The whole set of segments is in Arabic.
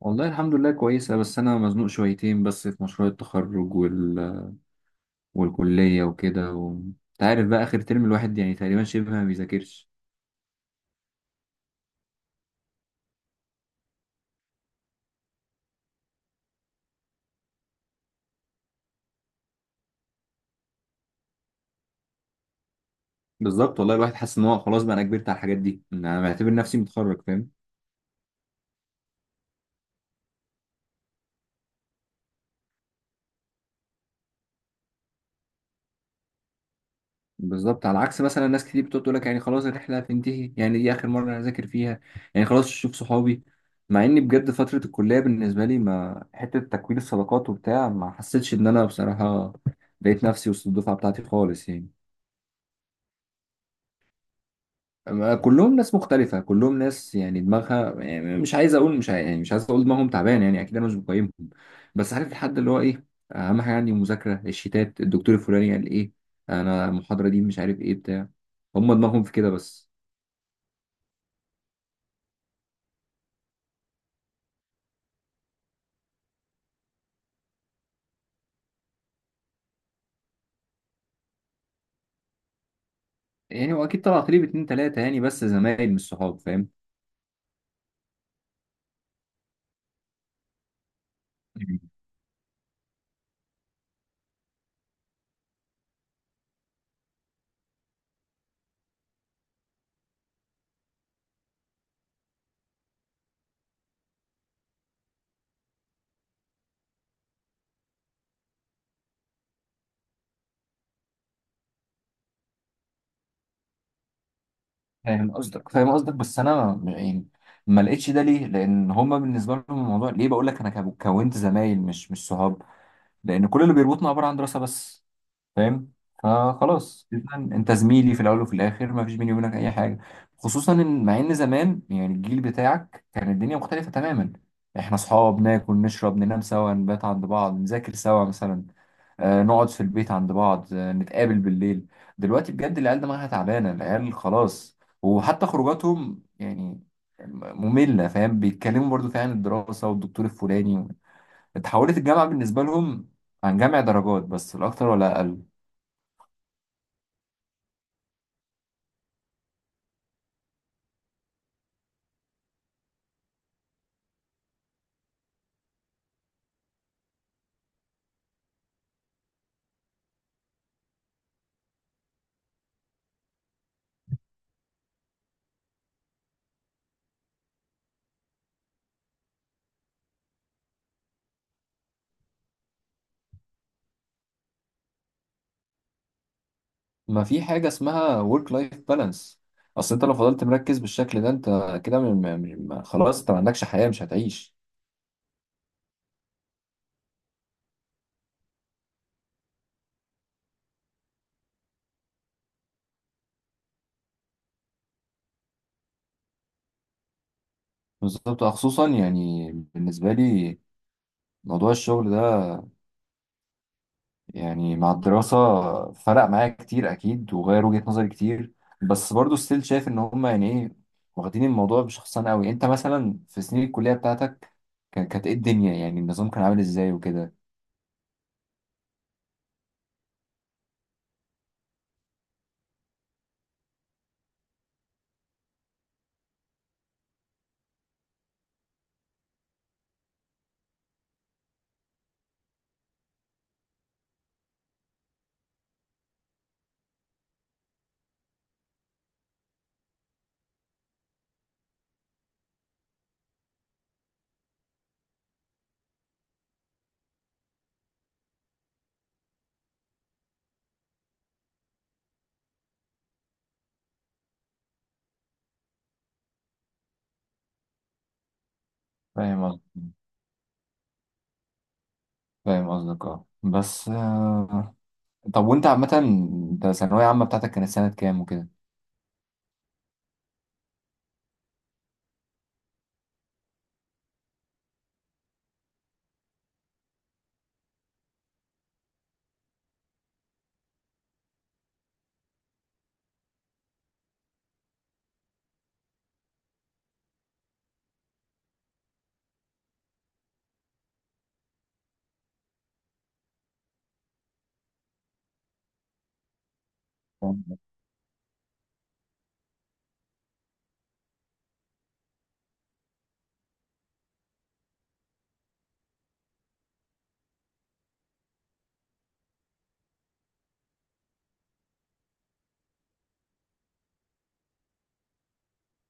والله الحمد لله كويسة. بس أنا مزنوق شويتين بس في مشروع التخرج والكلية وكده أنت عارف بقى آخر ترم الواحد يعني تقريبا شبه ما بيذاكرش. بالظبط. والله الواحد حاسس إن هو خلاص بقى أنا كبرت على الحاجات دي، إن أنا بعتبر نفسي متخرج، فاهم؟ بالظبط، على عكس مثلا ناس كتير بتقعد تقول لك يعني خلاص الرحلة هتنتهي، يعني دي آخر مرة أنا أذاكر فيها، يعني خلاص أشوف صحابي. مع إني بجد فترة الكلية بالنسبة لي ما حتة تكوين الصداقات وبتاع، ما حسيتش إن أنا بصراحة لقيت نفسي وسط الدفعة بتاعتي خالص يعني. ما كلهم ناس مختلفة، كلهم ناس يعني دماغها، يعني مش عايز أقول مش عايز، يعني مش عايز أقول دماغهم تعبان يعني. أكيد أنا مش بقيمهم، بس عارف الحد اللي هو إيه. أهم حاجة عندي المذاكرة، الشيتات، الدكتور الفلاني قال إيه، أنا المحاضرة دي مش عارف إيه بتاع. هم دماغهم في كده بس. يعني هو أكيد طلعت لي باتنين تلاتة يعني، بس زمايل مش صحاب، فاهم؟ فاهم قصدك. بس انا يعني ما لقيتش ده. ليه؟ لان هما بالنسبه لهم الموضوع ليه، بقول لك انا كونت زمايل مش صحاب، لان كل اللي بيربطنا عباره عن دراسه بس، فاهم؟ فخلاص إذا انت زميلي في الاول وفي الاخر، ما فيش بيني وبينك اي حاجه. خصوصا ان، مع ان زمان يعني الجيل بتاعك كان الدنيا مختلفه تماما. احنا اصحاب، ناكل نشرب ننام سوا، نبات عند بعض، نذاكر سوا مثلا، آه نقعد في البيت عند بعض، آه نتقابل بالليل. دلوقتي بجد العيال دماغها تعبانه، العيال خلاص، وحتى خروجاتهم يعني ممله، فاهم؟ بيتكلموا برضو فيها عن الدراسه والدكتور الفلاني. اتحولت الجامعه بالنسبه لهم عن جمع درجات بس، لا اكتر ولا اقل. ما في حاجة اسمها work life balance. اصل انت لو فضلت مركز بالشكل ده، انت كده خلاص، انت ما عندكش حياة، مش هتعيش. بالظبط، خصوصا يعني بالنسبة لي موضوع الشغل ده يعني مع الدراسة فرق معايا كتير اكيد، وغير وجهة نظري كتير. بس برضو ستيل شايف ان هما يعني ايه، واخدين الموضوع بشخصان قوي. انت مثلا في سنين الكلية بتاعتك كانت ايه الدنيا، يعني النظام كان عامل ازاي وكده؟ فاهم قصدك، فاهم قصدك. اه بس طب وانت عامة، انت الثانوية عامة بتاعتك كانت سنة كام وكده؟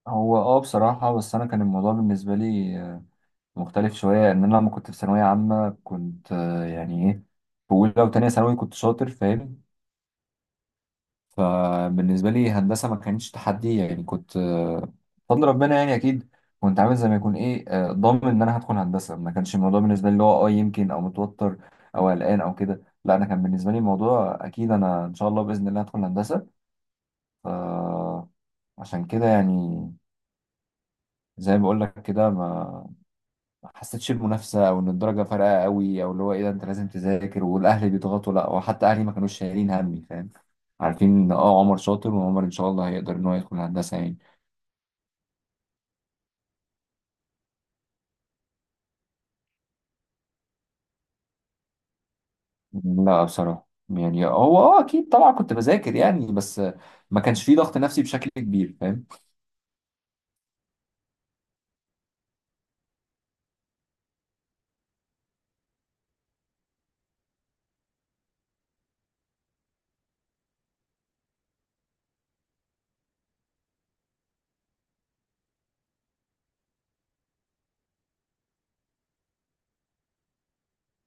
هو اه بصراحة، بس أنا كان الموضوع بالنسبة لي مختلف شوية. إن أنا لما كنت في ثانوية عامة كنت يعني إيه، في أولى وتانية ثانوي كنت شاطر، فاهم؟ فبالنسبة لي هندسة ما كانتش تحدي. يعني كنت بفضل ربنا يعني، أكيد كنت عامل زي ما يكون إيه ضامن إن أنا هدخل هندسة. ما كانش الموضوع بالنسبة لي اللي هو أه يمكن أو متوتر أو قلقان أو كده. لا، أنا كان بالنسبة لي الموضوع أكيد أنا إن شاء الله بإذن الله هدخل هندسة. عشان كده يعني، زي ما بقول لك كده، ما حسيتش بمنافسه او ان الدرجه فارقه قوي، او اللي هو ايه ده انت لازم تذاكر والاهل بيضغطوا. لا، وحتى اهلي ما كانوش شايلين همي، فاهم؟ عارفين ان اه عمر شاطر، وعمر ان شاء الله هيقدر ان هو يدخل هندسه يعني. لا بصراحه يعني هو اه اكيد طبعا كنت بذاكر يعني، بس ما كانش فيه ضغط نفسي بشكل كبير، فاهم؟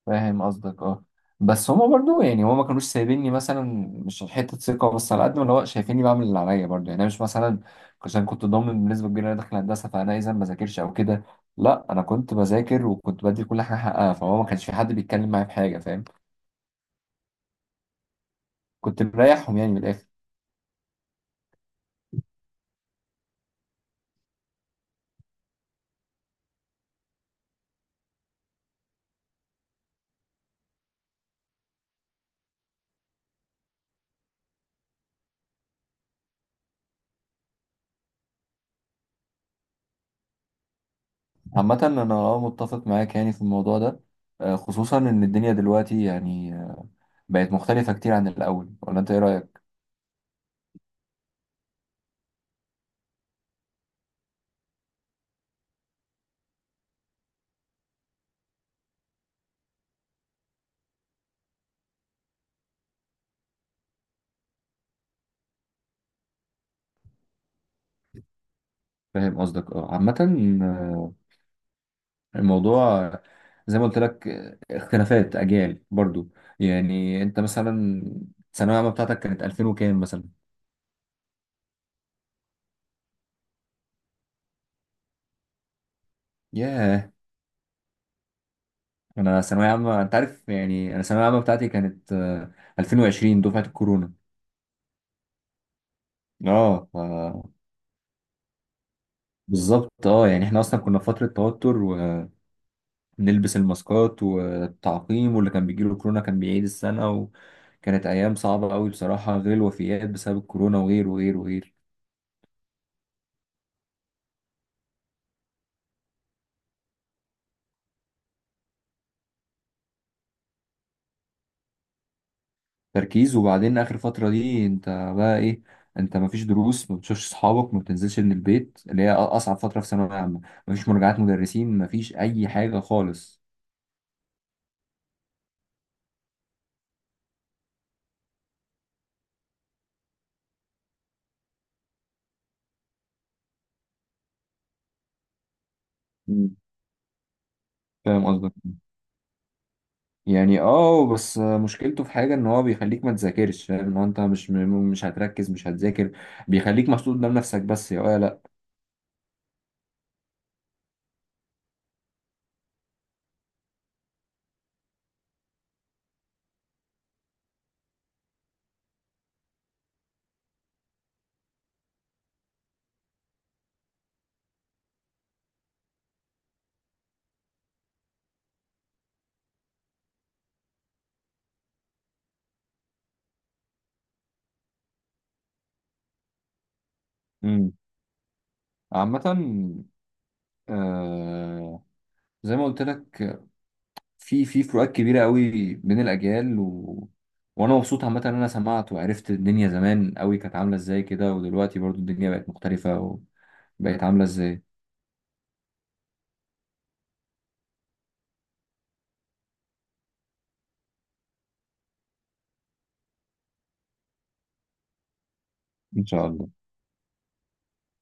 فاهم قصدك. اه بس هما برضو يعني، هما ما كانوش سايبيني مثلا، مش حته ثقه بس، على قد ما اللي هو شايفيني بعمل اللي عليا برضو يعني. انا مش مثلا عشان كنت ضامن بنسبه كبيره ان انا داخل هندسه فانا اذا ما بذاكرش او كده. لا، انا كنت بذاكر وكنت بدي كل حاجه حقها، فهو ما كانش في حد بيتكلم معايا في حاجه، فاهم؟ كنت مريحهم يعني من الاخر. عامه انا اه متفق معاك يعني في الموضوع ده، خصوصا ان الدنيا دلوقتي يعني بقت مختلفه كتير عن الاول، ولا انت ايه رايك؟ فاهم قصدك. اه عامه الموضوع زي ما قلت لك، اختلافات اجيال برضو. يعني انت مثلا الثانويه العامه بتاعتك كانت 2000 وكام مثلا؟ ياه، انا ثانويه عامه انت عارف، يعني انا الثانويه العامه بتاعتي كانت 2020، دفعه الكورونا. اه بالظبط. اه يعني احنا اصلا كنا في فتره توتر، ونلبس الماسكات والتعقيم، واللي كان بيجيله كورونا كان بيعيد السنه، وكانت ايام صعبه قوي بصراحه، غير الوفيات بسبب الكورونا وغير وغير وغير. تركيز، وبعدين اخر فتره دي انت بقى ايه، انت مفيش دروس، ما بتشوفش اصحابك، ما بتنزلش من البيت، اللي هي اصعب فتره في ثانويه عامه، مفيش مراجعات مدرسين، مفيش اي حاجه خالص. مم. فاهم قصدك. يعني اه بس مشكلته في حاجه ان هو بيخليك ما تذاكرش، فاهم؟ ان هو انت مش مش هتركز، مش هتذاكر، بيخليك محطوط قدام نفسك بس، يا ولا لا. مم. عامه آه زي ما قلت لك، في فروقات كبيرة قوي بين الأجيال وأنا مبسوط عامة إن أنا سمعت وعرفت الدنيا زمان قوي كانت عاملة إزاي كده، ودلوقتي برضو الدنيا بقت مختلفة وبقت عاملة إزاي. إن شاء الله.